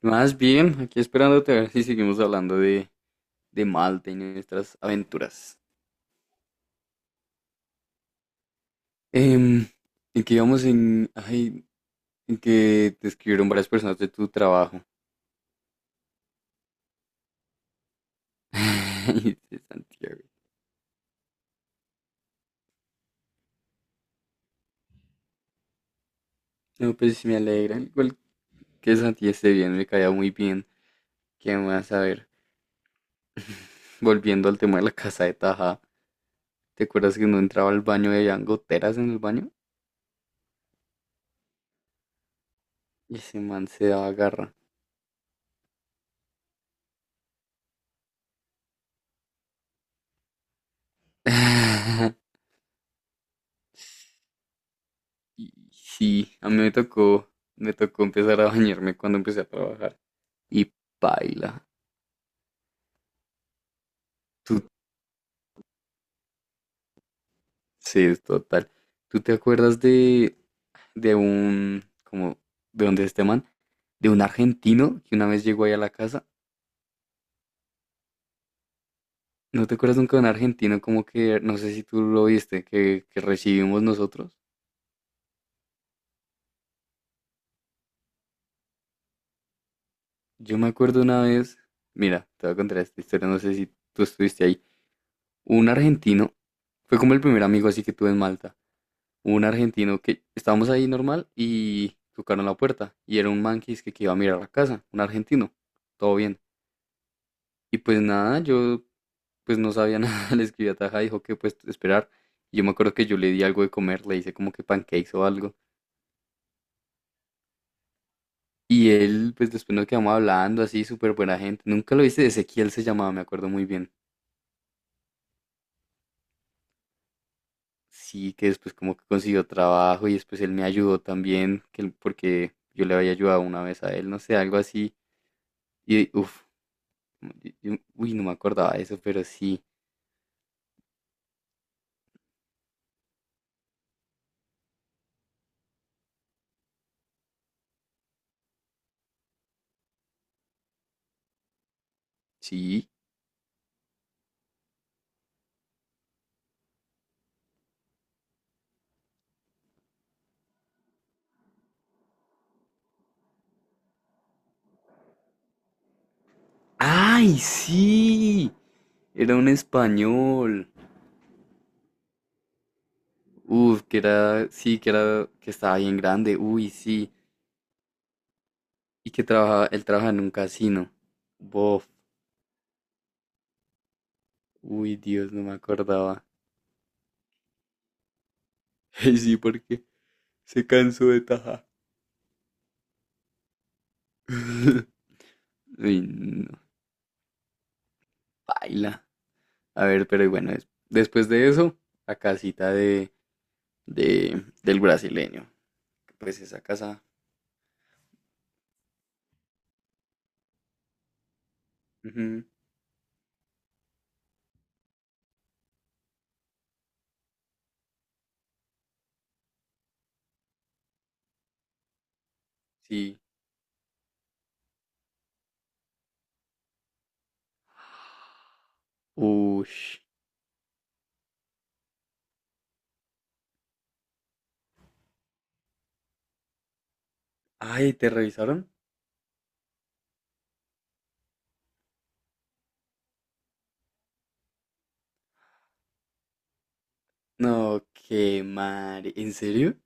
Más bien, aquí esperándote a ver si seguimos hablando de Malta y nuestras aventuras. Em, en que íbamos en que te escribieron varias personas de tu trabajo. Ay, de Santiago. No, pues sí me alegra. Igual que Santi esté bien, me caía muy bien. ¿Qué más? A ver, volviendo al tema de la casa de Taja. ¿Te acuerdas que no entraba al baño y había goteras en el baño? Y ese man se daba garra. Y sí, a mí me tocó empezar a bañarme cuando empecé a trabajar. Y paila. Tú, sí, es total. ¿Tú te acuerdas de un, como, de dónde es este man? De un argentino que una vez llegó ahí a la casa. ¿No te acuerdas nunca de un argentino como que, no sé si tú lo viste, que recibimos nosotros? Yo me acuerdo una vez, mira, te voy a contar esta historia, no sé si tú estuviste ahí. Un argentino, fue como el primer amigo así que tuve en Malta. Un argentino que estábamos ahí normal y tocaron la puerta y era un man que dizque que iba a mirar la casa, un argentino, todo bien. Y pues nada, yo pues no sabía nada, le escribí a Taja, dijo que pues esperar. Y yo me acuerdo que yo le di algo de comer, le hice como que pancakes o algo. Y él pues después nos quedamos hablando así, súper buena gente. Nunca lo viste, Ezequiel se llamaba, me acuerdo muy bien. Sí, que después como que consiguió trabajo y después él me ayudó también, porque yo le había ayudado una vez a él, no sé, algo así. Y uff, uy, no me acordaba de eso, pero sí, sí. ¡Ay, sí! Era un español. Uf, que era, que estaba bien grande. Uy, sí. Y que trabajaba, él trabaja en un casino. Bof. Uy, Dios, no me acordaba. Ay, sí, porque se cansó de taja. Uy, no. Baila. A ver, pero bueno, después de eso, la casita del brasileño. Pues esa casa. Ujú, sí. Ush. Ay, ¿te revisaron? No, qué madre. ¿En serio?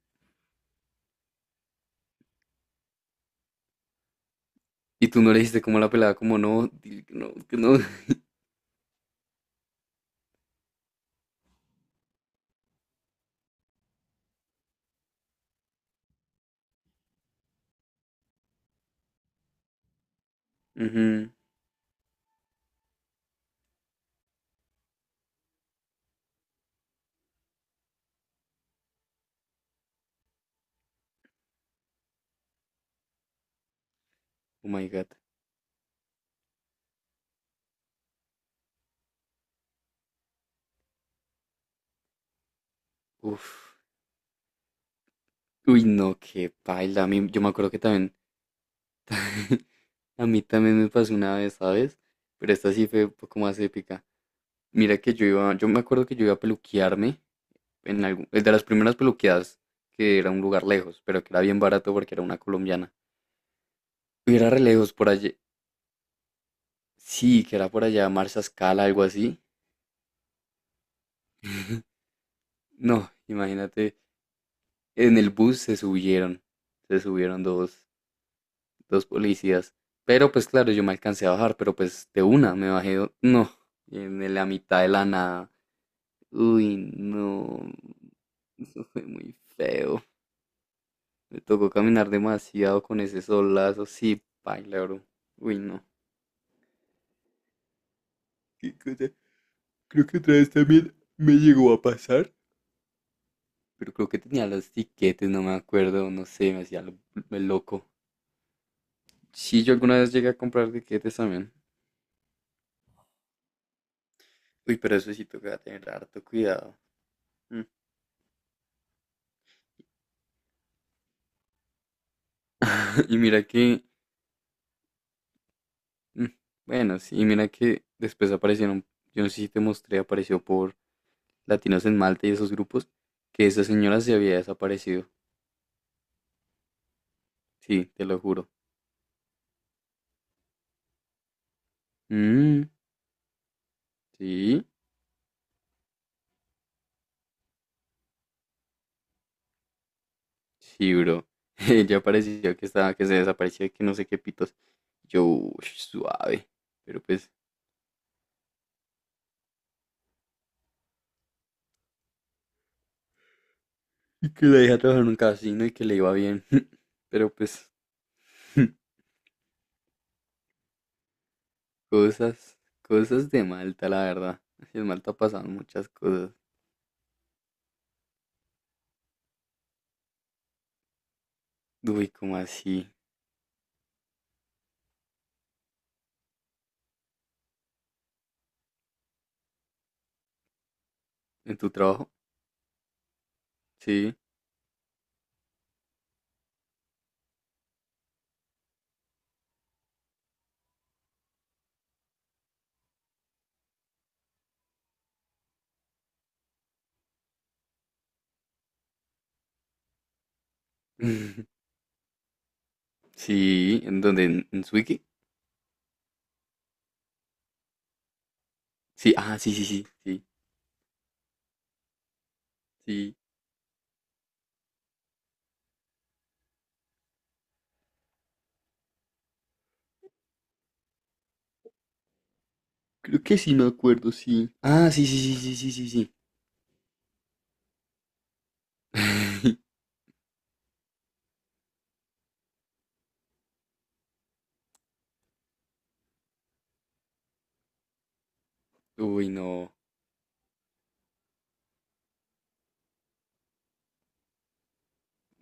¿Y tú no le dijiste cómo la pelada? Como no, dile que no, que no. Ujú. Oh my God. Uf. Uy, no, qué paila. A mí, yo me acuerdo que también, a mí también me pasó una vez, ¿sabes? Pero esta sí fue un poco más épica. Mira que yo iba, yo me acuerdo que yo iba a peluquearme en algún, es de las primeras peluqueadas que era un lugar lejos, pero que era bien barato porque era una colombiana. Y era re lejos por allí. Sí, que era por allá Marsa Scala, algo así. No, imagínate, en el bus se subieron dos policías. Pero pues claro, yo me alcancé a bajar, pero pues de una me bajé, no, en la mitad de la nada. Uy, no, fue muy feo. Me tocó caminar demasiado con ese solazo, sí, paila, bro. Uy, no. ¿Qué cosa? Creo que otra vez también me llegó a pasar, pero creo que tenía los tiquetes, no me acuerdo, no sé, el loco. Sí, yo alguna vez llegué a comprar tiquetes también. Uy, pero eso sí toca tener harto cuidado. Mm. Y mira que, mm, bueno, sí, y mira que después aparecieron, yo no sé si te mostré, apareció por Latinos en Malta y esos grupos, que esa señora se había desaparecido. Sí, te lo juro. Mm, sí, sí, bro. Ella apareció que estaba, que se desapareció, que no sé qué pitos. Yo, uy, suave. Pero pues, y que la dejé trabajar en un casino y que le iba bien. Pero pues, cosas, cosas de Malta, la verdad. En Malta pasaron muchas cosas. Uy, ¿cómo así? ¿En tu trabajo? Sí. Sí, ¿en dónde? ¿En Swiki? Sí, ah, sí, sí, sí, sí, sí. Creo que sí me acuerdo, sí. Ah, sí, sí, sí, sí, sí, sí, sí. Uy, no,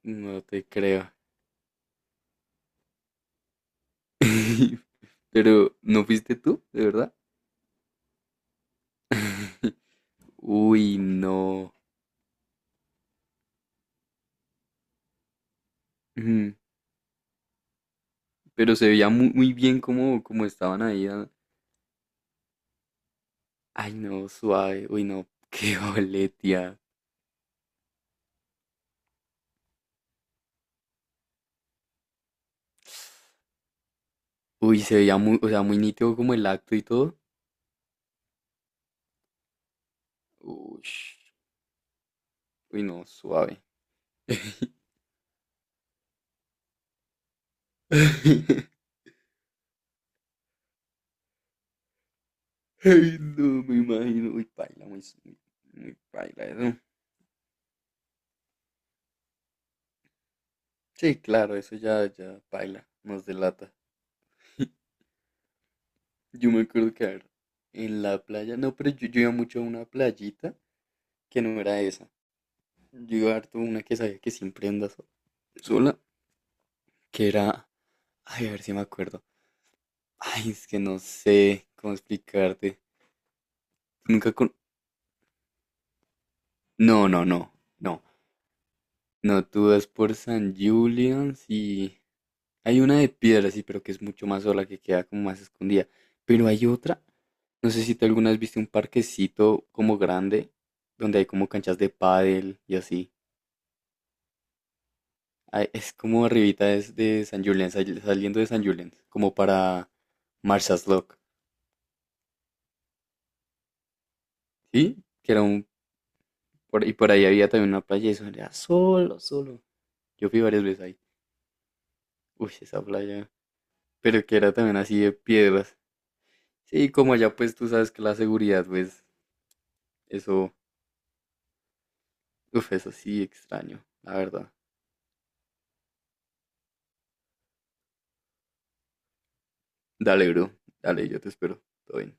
no te creo. Pero, ¿no fuiste tú? ¿De verdad? Uy, no. Pero se veía muy, muy bien como como estaban ahí. Ah. Ay, no, suave. Uy, no, qué boletia. Uy, se veía muy, o sea, muy nítido como el acto y todo. Uy, uy, no, suave. Ay, no, me imagino. Uy, paila, muy, muy, muy paila eso. Sí, claro, eso ya, ya, paila, nos delata. Yo me acuerdo que, a ver, en la playa, no, pero yo iba mucho a una playita que no era esa. Yo iba harto a una que sabía que siempre anda sola, que era... Ay, a ver si me acuerdo. Ay, es que no sé cómo explicarte. Nunca con... No, no, no, no. No, tú vas por San Julian's y... Hay una de piedra, sí, pero que es mucho más sola, que queda como más escondida. Pero hay otra. No sé si tú alguna vez viste un parquecito como grande, donde hay como canchas de pádel y así. Ay, es como arribita es de San Julián, saliendo de San Julián, como para Marshal's Lock, ¿sí? Que era un... Por, y por ahí había también una playa y eso era solo, solo. Yo fui varias veces ahí. Uy, esa playa. Pero que era también así de piedras. Sí, como allá pues tú sabes que la seguridad, pues, eso, uf, eso sí extraño, la verdad. Dale, bro. Dale, yo te espero. Todo bien.